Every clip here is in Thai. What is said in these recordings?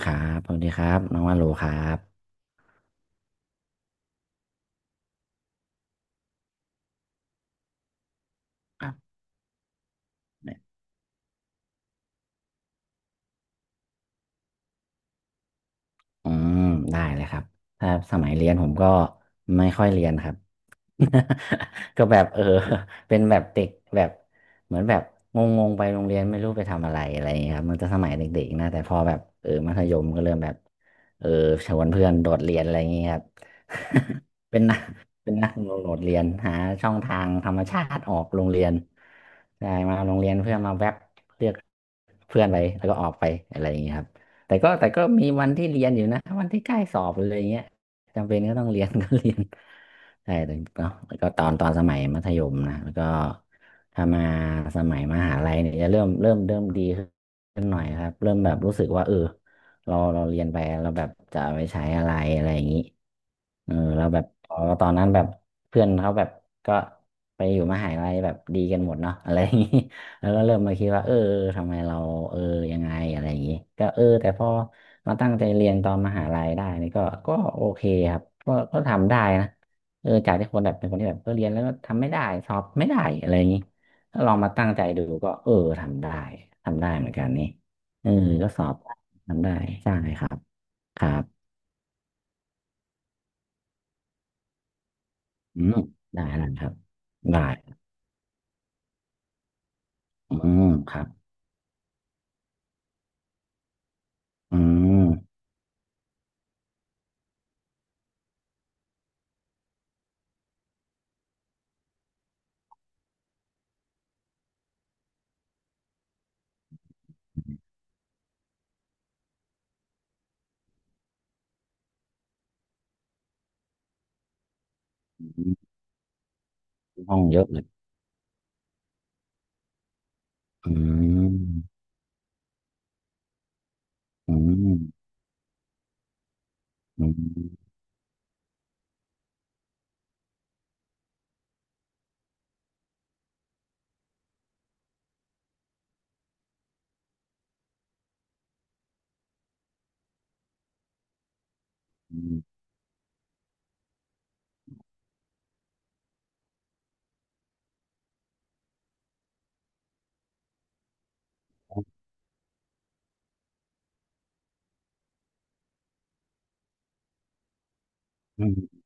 ครับ สวัสดีครับ น้องว่าโลครับครับ อืม ได้เลยครับ ถ้าสมัยเรียนผมก็ไม่ค่อยเรียนครับ ก็แบบเป็นแบบเด็กแบบเหมือนแบบงๆไปโรงเรียนไม่รู้ไปทำอะไรอะไรอย่างเงี้ยครับมันจะสมัยเด็กๆนะแต่พอแบบมัธยมก็เริ่มแบบเออชวนเพื่อนโดดเรียนอะไรอย่างเงี้ยครับ เป็นนัก เป็นนักโดดเรียนหาช่องทางธรรมชาติออกโรงเรียนใช่มาโรงเรียนเพื่อนมาแวบเรียกเพื่อนไปแล้วก็ออกไปอะไรอย่างเงี้ยครับแต่ก็มีวันที่เรียนอยู่นะวันที่ใกล้สอบเลยอะไรอย่างเงี้ยจำเป็นก็ต้องเรียน ก็เรียน ใช่แล้วก็แล้วก็ตอนสมัยมัธยมนะแล้วก็ถ้ามาสมัยมหาลัยเนี่ยจะเริ่มดีขึ้นหน่อยครับเริ่มแบบรู้สึกว่าเราเรียนไปเราแบบจะเอาไปใช้อะไรอะไรอย่างนี้เราแ้บบพอตอนนั้นแบบเพื่อนเขาแบบก็ไปอยู่มหาลัยแบบดีกันหมดเนาะอะไรอย่างนี้ แล้วก็เริ่มมาคิดว่าทำไมเราเออยังไงอะไรอย่างนี้ก็แต่พอมาตั้งใจเรียนตอนมหาลัยได้นี่ก็โอเคครับก็ทำได้นะ จากที่คนแบบเป็นคนที่แบบเรียนแล้วก็ทำไม่ได้สอบไม่ได้อะไรอย่างนี้ถ้าลองมาตั้งใจดูก็ทำได้ทำได้เหมือนกันนี่เออก็สอบทำได้ใช่ครับครับอืมได้แล้วครับได้อืมครับอืมห้องเยอะเลยอืมอืมอืมอืมอืม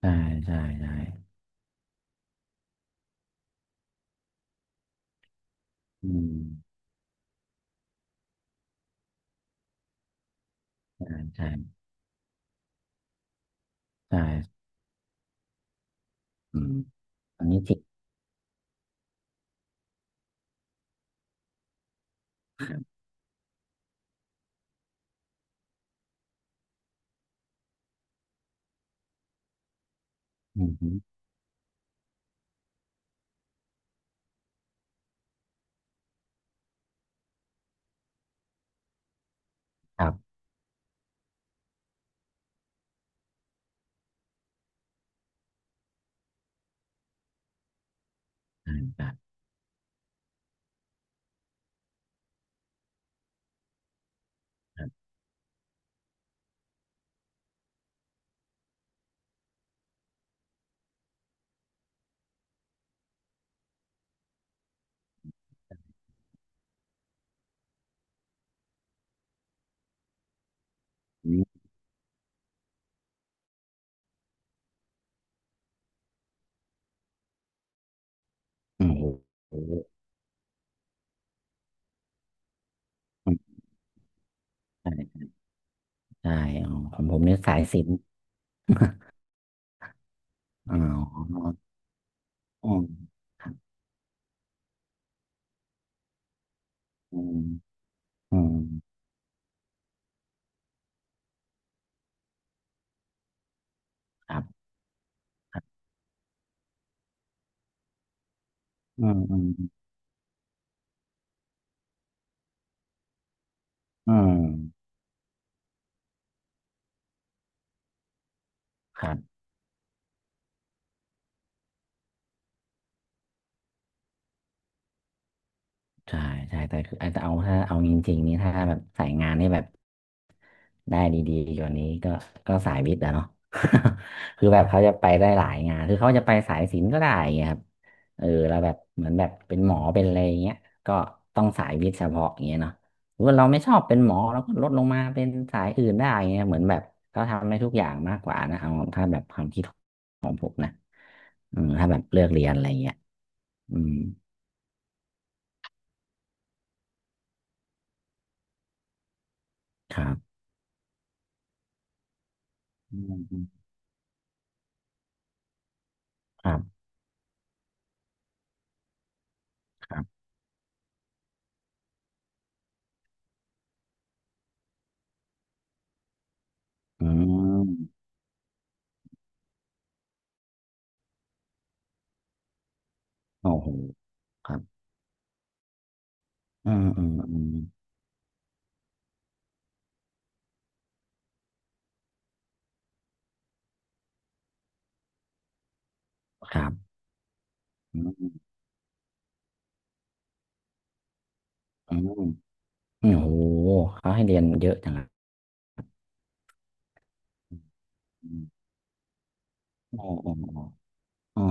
ใช่ใช่ใช่อืมใช่ใช่ใช่อืมอันนี้จริงอืมครับใช่ครับครับอืมอืมโอ้โห ใช่ใช่อ๋อของผมเนี่ยสายศิลป์อ๋ออืมครับอืมอืมครับอืมอืมอืมครับ ใช่ใช่แต่คือแต่เอาถ้าเอาจริงๆนี่ถ้าแบบสายงานนี่แบบได้ดีๆกว่านี้ก็ก็สายวิทย์อะเนาะ คือแบบเขาจะไปได้หลายงานคือเขาจะไปสายศิลป์ก็ได้อย่างเงี้ยครับแล้วแบบเหมือนแบบเป็นหมอเป็นอะไรอย่างเงี้ยก็ต้องสายวิทย์เฉพาะอย่างเงี้ยเนาะหรือว่าเราไม่ชอบเป็นหมอเราก็ลดลงมาเป็นสายอื่นได้อย่างเงี้ยเหมือนแบบเขาทำได้ทุกอย่างมากกว่านะเอาถ้าแบบความคิดอืมถ้าแบบเลือกเรียนอะไรอย่างเงี้ยอืมครับอืมครับครับอืม โอ้โหครับ อืมอืมอืมครับอืมอืมอืมโอ้โหเขาให้เรียนเยอะจังอะอืมอ๋ออ๋ออ๋อ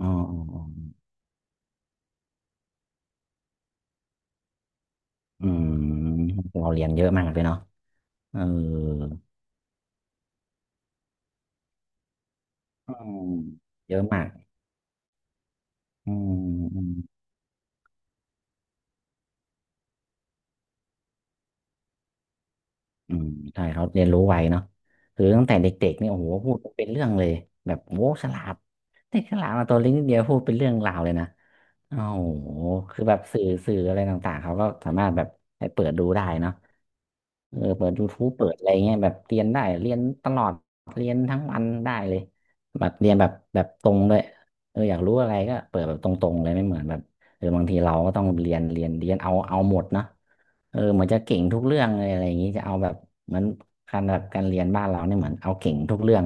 อ๋ออ๋ออ๋ออ๋ออืมเราเรียนเยอะมากเลยเนาะเอออืมเยอะมากอืมอืมอืมใช่ เขาเรียนรู้ไวเนาะคือตั้งแต่เด็กๆนี่โอ้โหพูดเป็นเรื่องเลย แบบโว้ฉลาดเด็กฉลาดมาตัวเล็กนิดเดียวพูดเป็นเรื่องราวเลยนะ โอ้โหคือแบบสื่ออะไรต่างๆ เขาก็สามารถแบบไปเปิดดูได้เนาะเปิดยูทูบเปิดอะไรเงี้ยแบบเรียนได้เรียนตลอดเรียนทั้งวันได้เลยแบบเรียนแบบตรงด้วยอยากรู้อะไรก็เปิดแบบตรงๆเลยไม่เหมือนแบบบางทีเราก็ต้องเรียนเอาหมดนะเหมือนจะเก่งทุกเรื่องเลยอะไรอย่างงี้จะเอาแบบเหมือนการแบบการเรียนบ้านเราเนี่ยเหมือนเอาเก่งทุกเรื่อง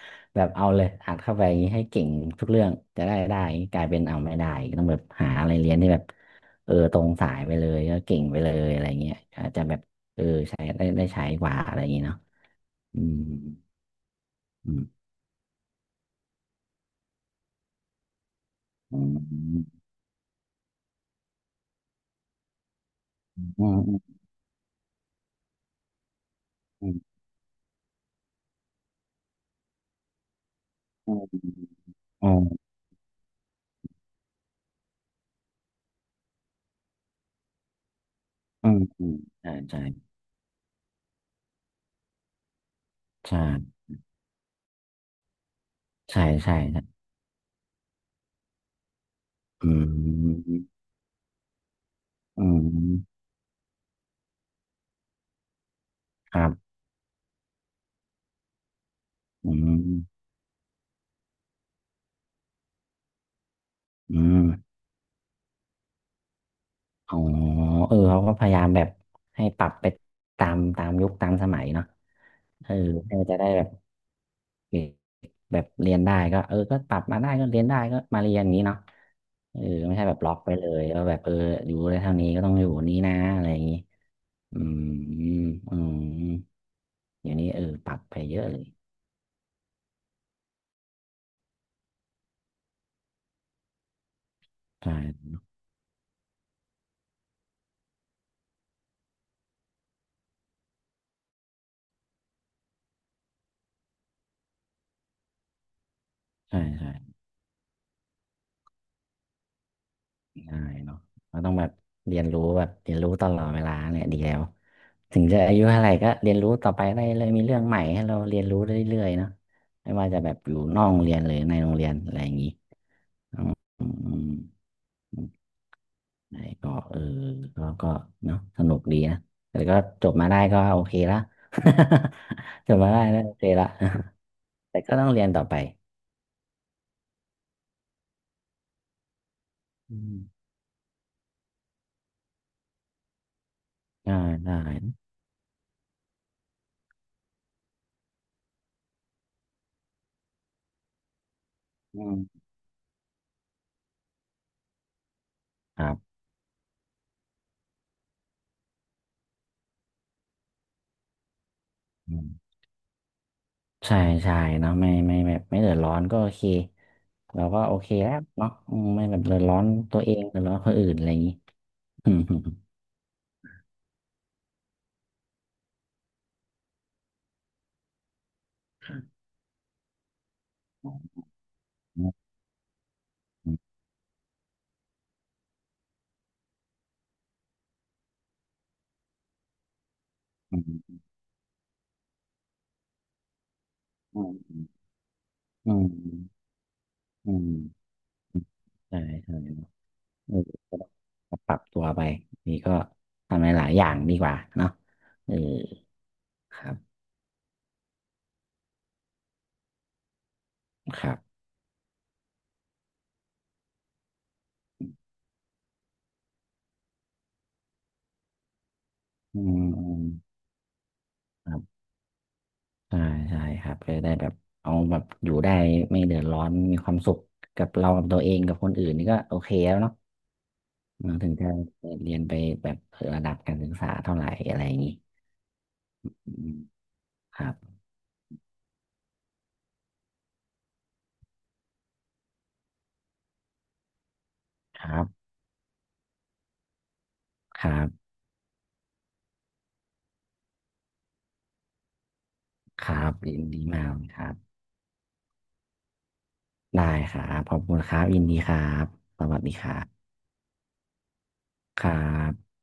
แบบเอาเลยอัดเข้าไปอย่างนี้ให้เก่งทุกเรื่องจะได้ได้กลายเป็นเอาไม่ได้ต้องแบบหาอะไรเรียนที่แบบตรงสายไปเลยก็เก่งไปเลยอะไรเงี้ยอาจจะแบบเออใช้ได้ได้ใช้กว่าอะไรอย่างงี้เนาะอืมอืมอืมอืมอืมอืมอืมอืมอืมใช่ใช่ใช่ใช่ใช่ใช่อืมอืมครับอืมอืม อ๋อเขาก็พยายามแบบให้ปรับไปตามยุคตามสมัยเนาะเออให้มันจะได้แบบเด็กแบบเรียนได้ก็ก็ปรับมาได้ก็เรียนได้ก็มาเรียนอย่างนี้เนาะไม่ใช่แบบล็อกไปเลยว่าแบบอยู่ได้เท่านี้ก็ต้องอยู่นี้นะอะไรอย่างนี้อืมอืมอย่างนี้ปรับไปเยอะเลยใช่ใช่ใช่ด้เนาะเราต้องแบบเรียนรู้แบบเรียนรู้ตลอดเวลาเนี่ยดีแล้ว ถึงจะอายุเท่าไหร่ก็เรียนรู้ต่อไปได้เลยมีเรื่องใหม่ให้เราเรียนรู้เรื่อยๆเนาะไม่ว่าจะแบบอยู่นอกโรงเรียนหรือในโรงเรียนอะไรอย่างนี้อืมอืมอืมไหนก็ก็เนาะสนุกดีนะแต่ก็จบมาได้ก็โอเคละ จบมาได้แล้วโอเคละ แต่ก็ต้องเรียนต่อไปอืมได้ได้อืมครับ ใช่ใช่เนาะไม่แบบไม่เดือดร้อนก็โอเคเราก็โอเคแล้วเนาะอืมไม่แบบเดือดร้อนตัวเองเดือดร้อนคนอื่นอะไรอย่างนี้อืมอืมอืมอืมอืมอืมอืมใช่ใช่เนาะเออก็ต้องปรับตัวไปนี่ก็ทำในหลายอย่างดีกว่าเนาะเออครับครับอืมอืมครับใช่ใช่ครับก็ได้แบบเอาแบบอยู่ได้ไม่เดือดร้อนมีความสุขกับเรากับตัวเองกับคนอื่นนี่ก็โอเคแล้วเนาะ เราถึงจะเเรียนไปแบบระดับการศึกษาเท่าไหร่อะไรอย่างนี้อืมครับครับครับครับยินดีมากครับได้ครับขอบคุณครับยินดีครับสวัสดีครับครับ